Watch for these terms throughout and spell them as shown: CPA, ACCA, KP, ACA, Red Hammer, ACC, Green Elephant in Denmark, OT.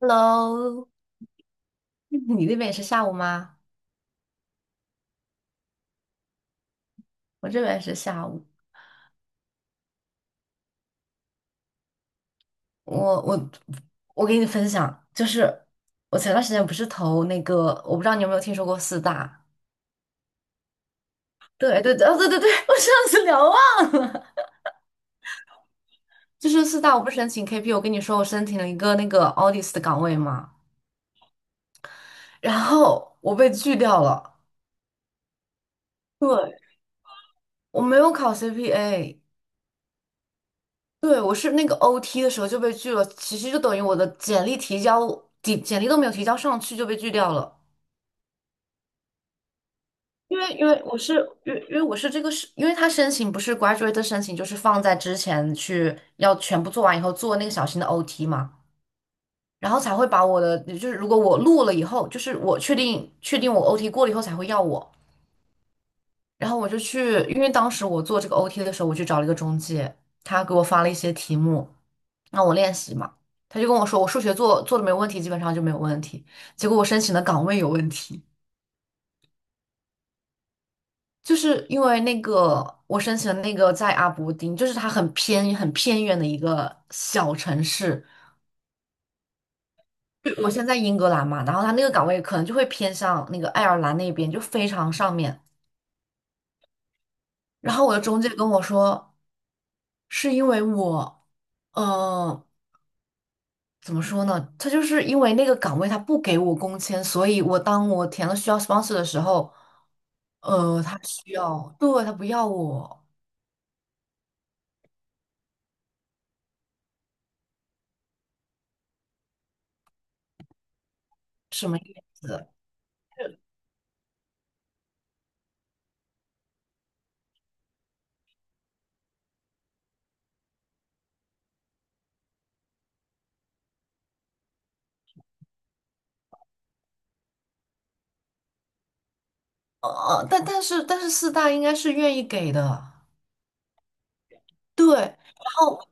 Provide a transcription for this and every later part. Hello，你那边也是下午吗？我这边也是下午。我我我给你分享，就是我前段时间不是投那个，我不知道你有没有听说过四大？对对对，哦对对对，我上次聊啊，就是四大，我不是申请 KP，我跟你说我申请了一个那个 audit 的岗位嘛，然后我被拒掉了。对，我没有考 CPA。对，我是那个 OT 的时候就被拒了，其实就等于我的简历提交，简历都没有提交上去就被拒掉了。因为因为我是因为我是这个是，因为他申请不是 graduate 的申请，就是放在之前去要全部做完以后做那个小型的 OT 嘛，然后才会把我的，就是如果我录了以后，就是我确定我 OT 过了以后才会要我。然后我就去，因为当时我做这个 OT 的时候，我去找了一个中介，他给我发了一些题目让我练习嘛，他就跟我说我数学做的没问题，基本上就没有问题，结果我申请的岗位有问题。就是因为那个我申请的那个在阿伯丁，就是它很偏很偏远的一个小城市。就我现在在英格兰嘛，然后它那个岗位可能就会偏向那个爱尔兰那边，就非常上面。然后我的中介跟我说，是因为我，呃，怎么说呢？他就是因为那个岗位他不给我工签，所以我当我填了需要 sponsor 的时候，他需要，对，他不要我，什么意思？但是四大应该是愿意给的。对，然后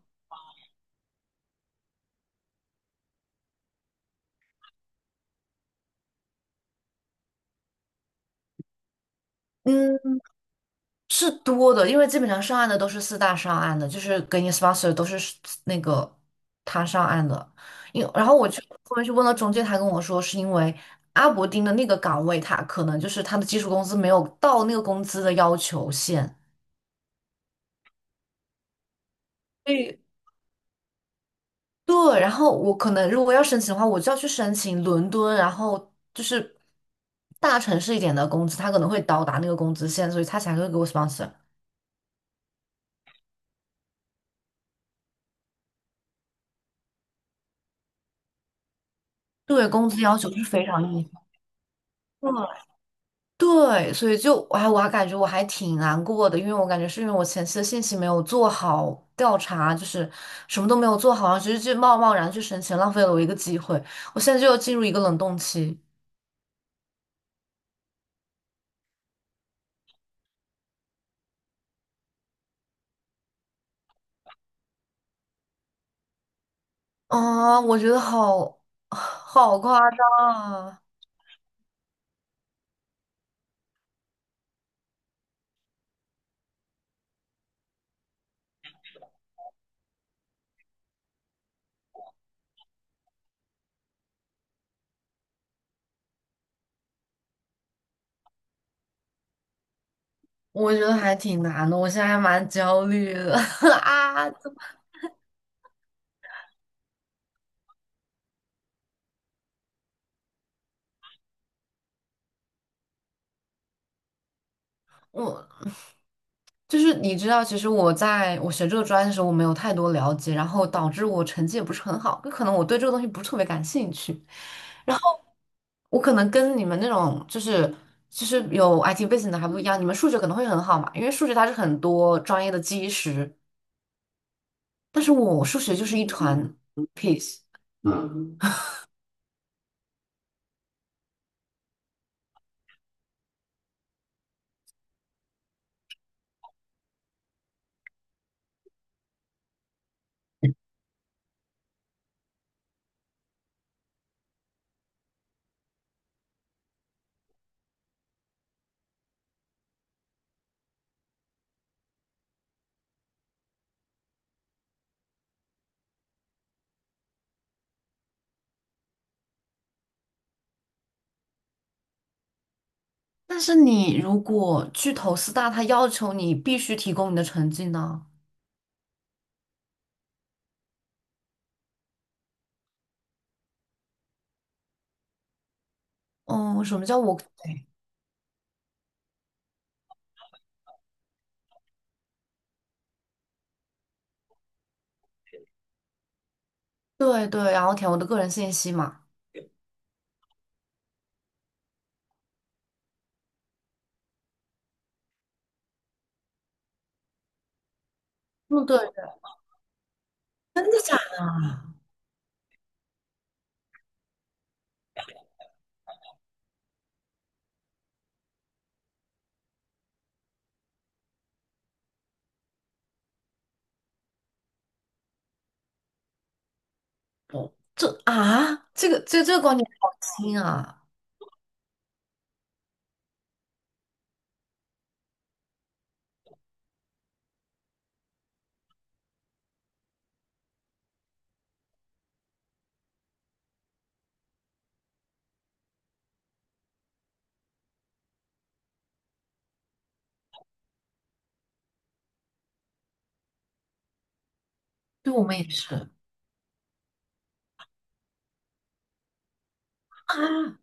嗯是多的，因为基本上上岸的都是四大上岸的，就是给你 sponsor 都是那个他上岸的。然后我去后面去问了中介，他跟我说是因为阿伯丁的那个岗位，他可能就是他的基础工资没有到那个工资的要求线。所以对，然后我可能如果要申请的话，我就要去申请伦敦，然后就是大城市一点的工资，他可能会到达那个工资线，所以他才会给我 sponsor。对，工资要求是非常硬。对，所以就哎，我还感觉我还挺难过的，因为我感觉是因为我前期的信息没有做好调查，就是什么都没有做好，然后直接就贸贸然去申请，浪费了我一个机会。我现在就要进入一个冷冻期啊。我觉得好 好夸张啊，我觉得还挺难的，我现在还蛮焦虑的 啊。我。就是你知道，其实我在我学这个专业的时候，我没有太多了解，然后导致我成绩也不是很好，就可能我对这个东西不是特别感兴趣。然后我可能跟你们那种就是有 IT 背景的还不一样，你们数学可能会很好嘛，因为数学它是很多专业的基石，但是我数学就是一团 piece。但是你如果去投四大，它要求你必须提供你的成绩呢？哦，什么叫我？对对，然后填我的个人信息嘛。嗯，对。真的假的啊？哦这啊，这个观点好新啊！对，我们也是啊。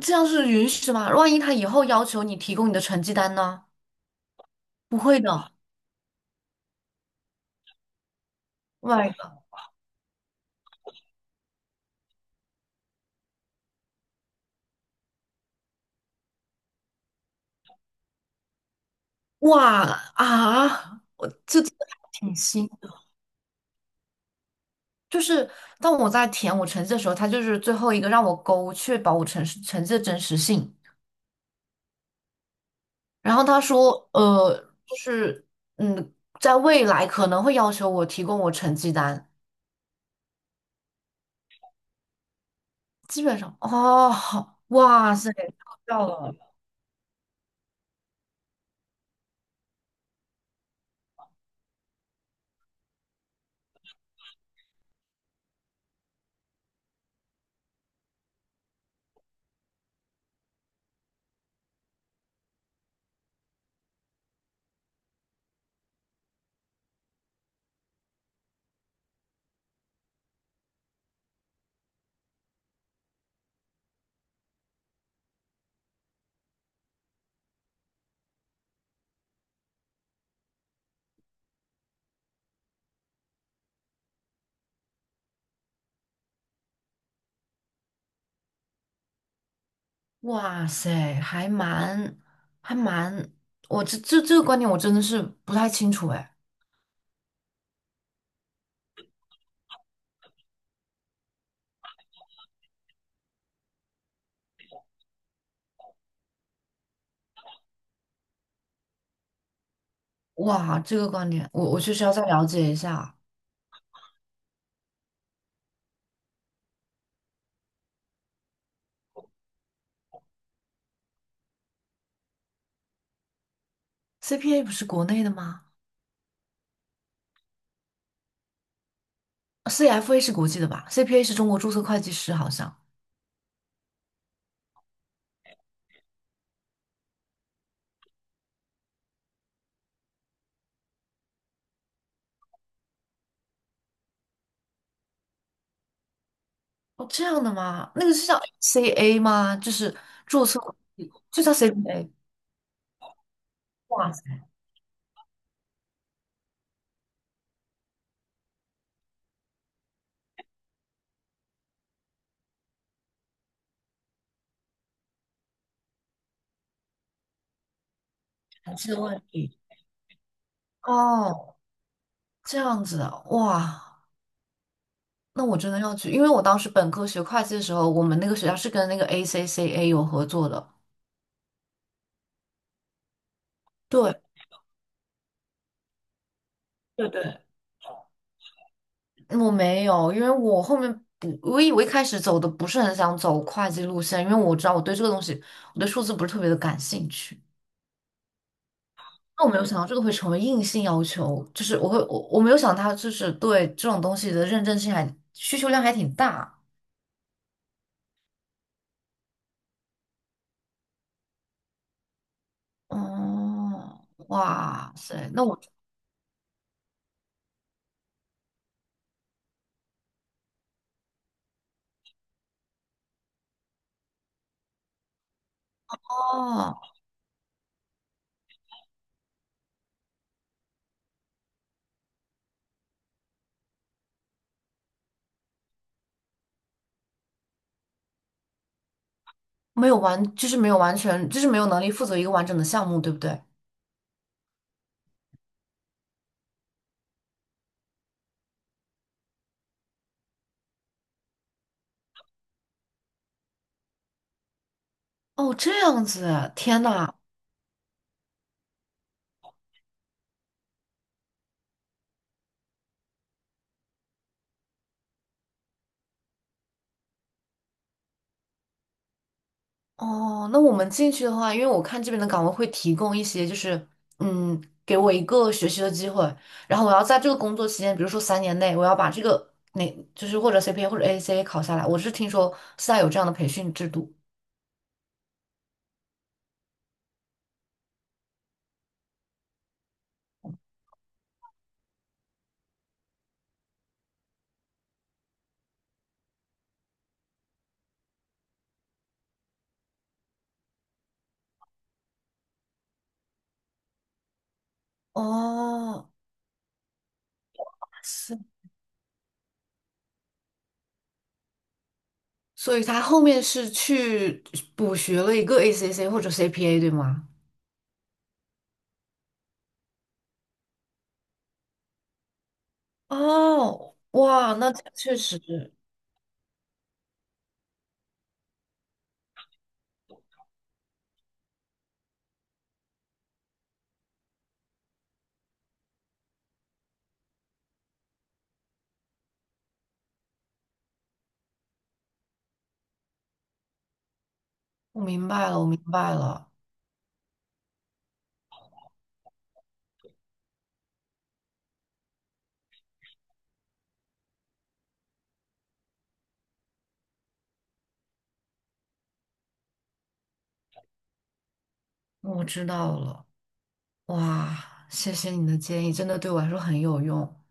这样是允许的吗？万一他以后要求你提供你的成绩单呢？不会的，my g 哇啊，这真的还挺新的，就是当我在填我成绩的时候，他就是最后一个让我勾，确保我成绩的真实性。然后他说，就是嗯，在未来可能会要求我提供我成绩单。基本上哦，好，哇塞，超掉了。哇塞，还蛮还蛮，我这个观点我真的是不太清楚哎。哇，这个观点我我确实要再了解一下。CPA 不是国内的吗？CFA 是国际的吧？CPA 是中国注册会计师好像。哦，这样的吗？那个是叫 CA 吗？就是注册会计就叫 CPA。哇塞，还是个问题哦。这样子啊，哇，那我真的要去，因为我当时本科学会计的时候，我们那个学校是跟那个 ACCA 有合作的。对，对对，我没有，因为我后面不，我以为一开始走的不是很想走会计路线，因为我知道我对这个东西，我对数字不是特别的感兴趣。那我没有想到这个会成为硬性要求，就是我会我我没有想到它就是对这种东西的认证性还需求量还挺大。哦，哇塞，那我哦。没有完，就是没有完全，就是没有能力负责一个完整的项目，对不对？哦，这样子啊，天呐。哦，那我们进去的话，因为我看这边的岗位会提供一些，就是嗯，给我一个学习的机会，然后我要在这个工作期间，比如说3年内，我要把这个那就是或者 CPA 或者 ACA 考下来。我是听说现在有这样的培训制度。哦，是，所以他后面是去补学了一个 ACC 或者 CPA，对吗？哦，哇，那确实。我明白了，我明白了，我知道了。哇，谢谢你的建议，真的对我来说很有用。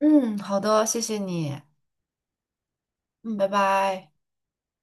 嗯，好的，谢谢你。嗯，拜拜。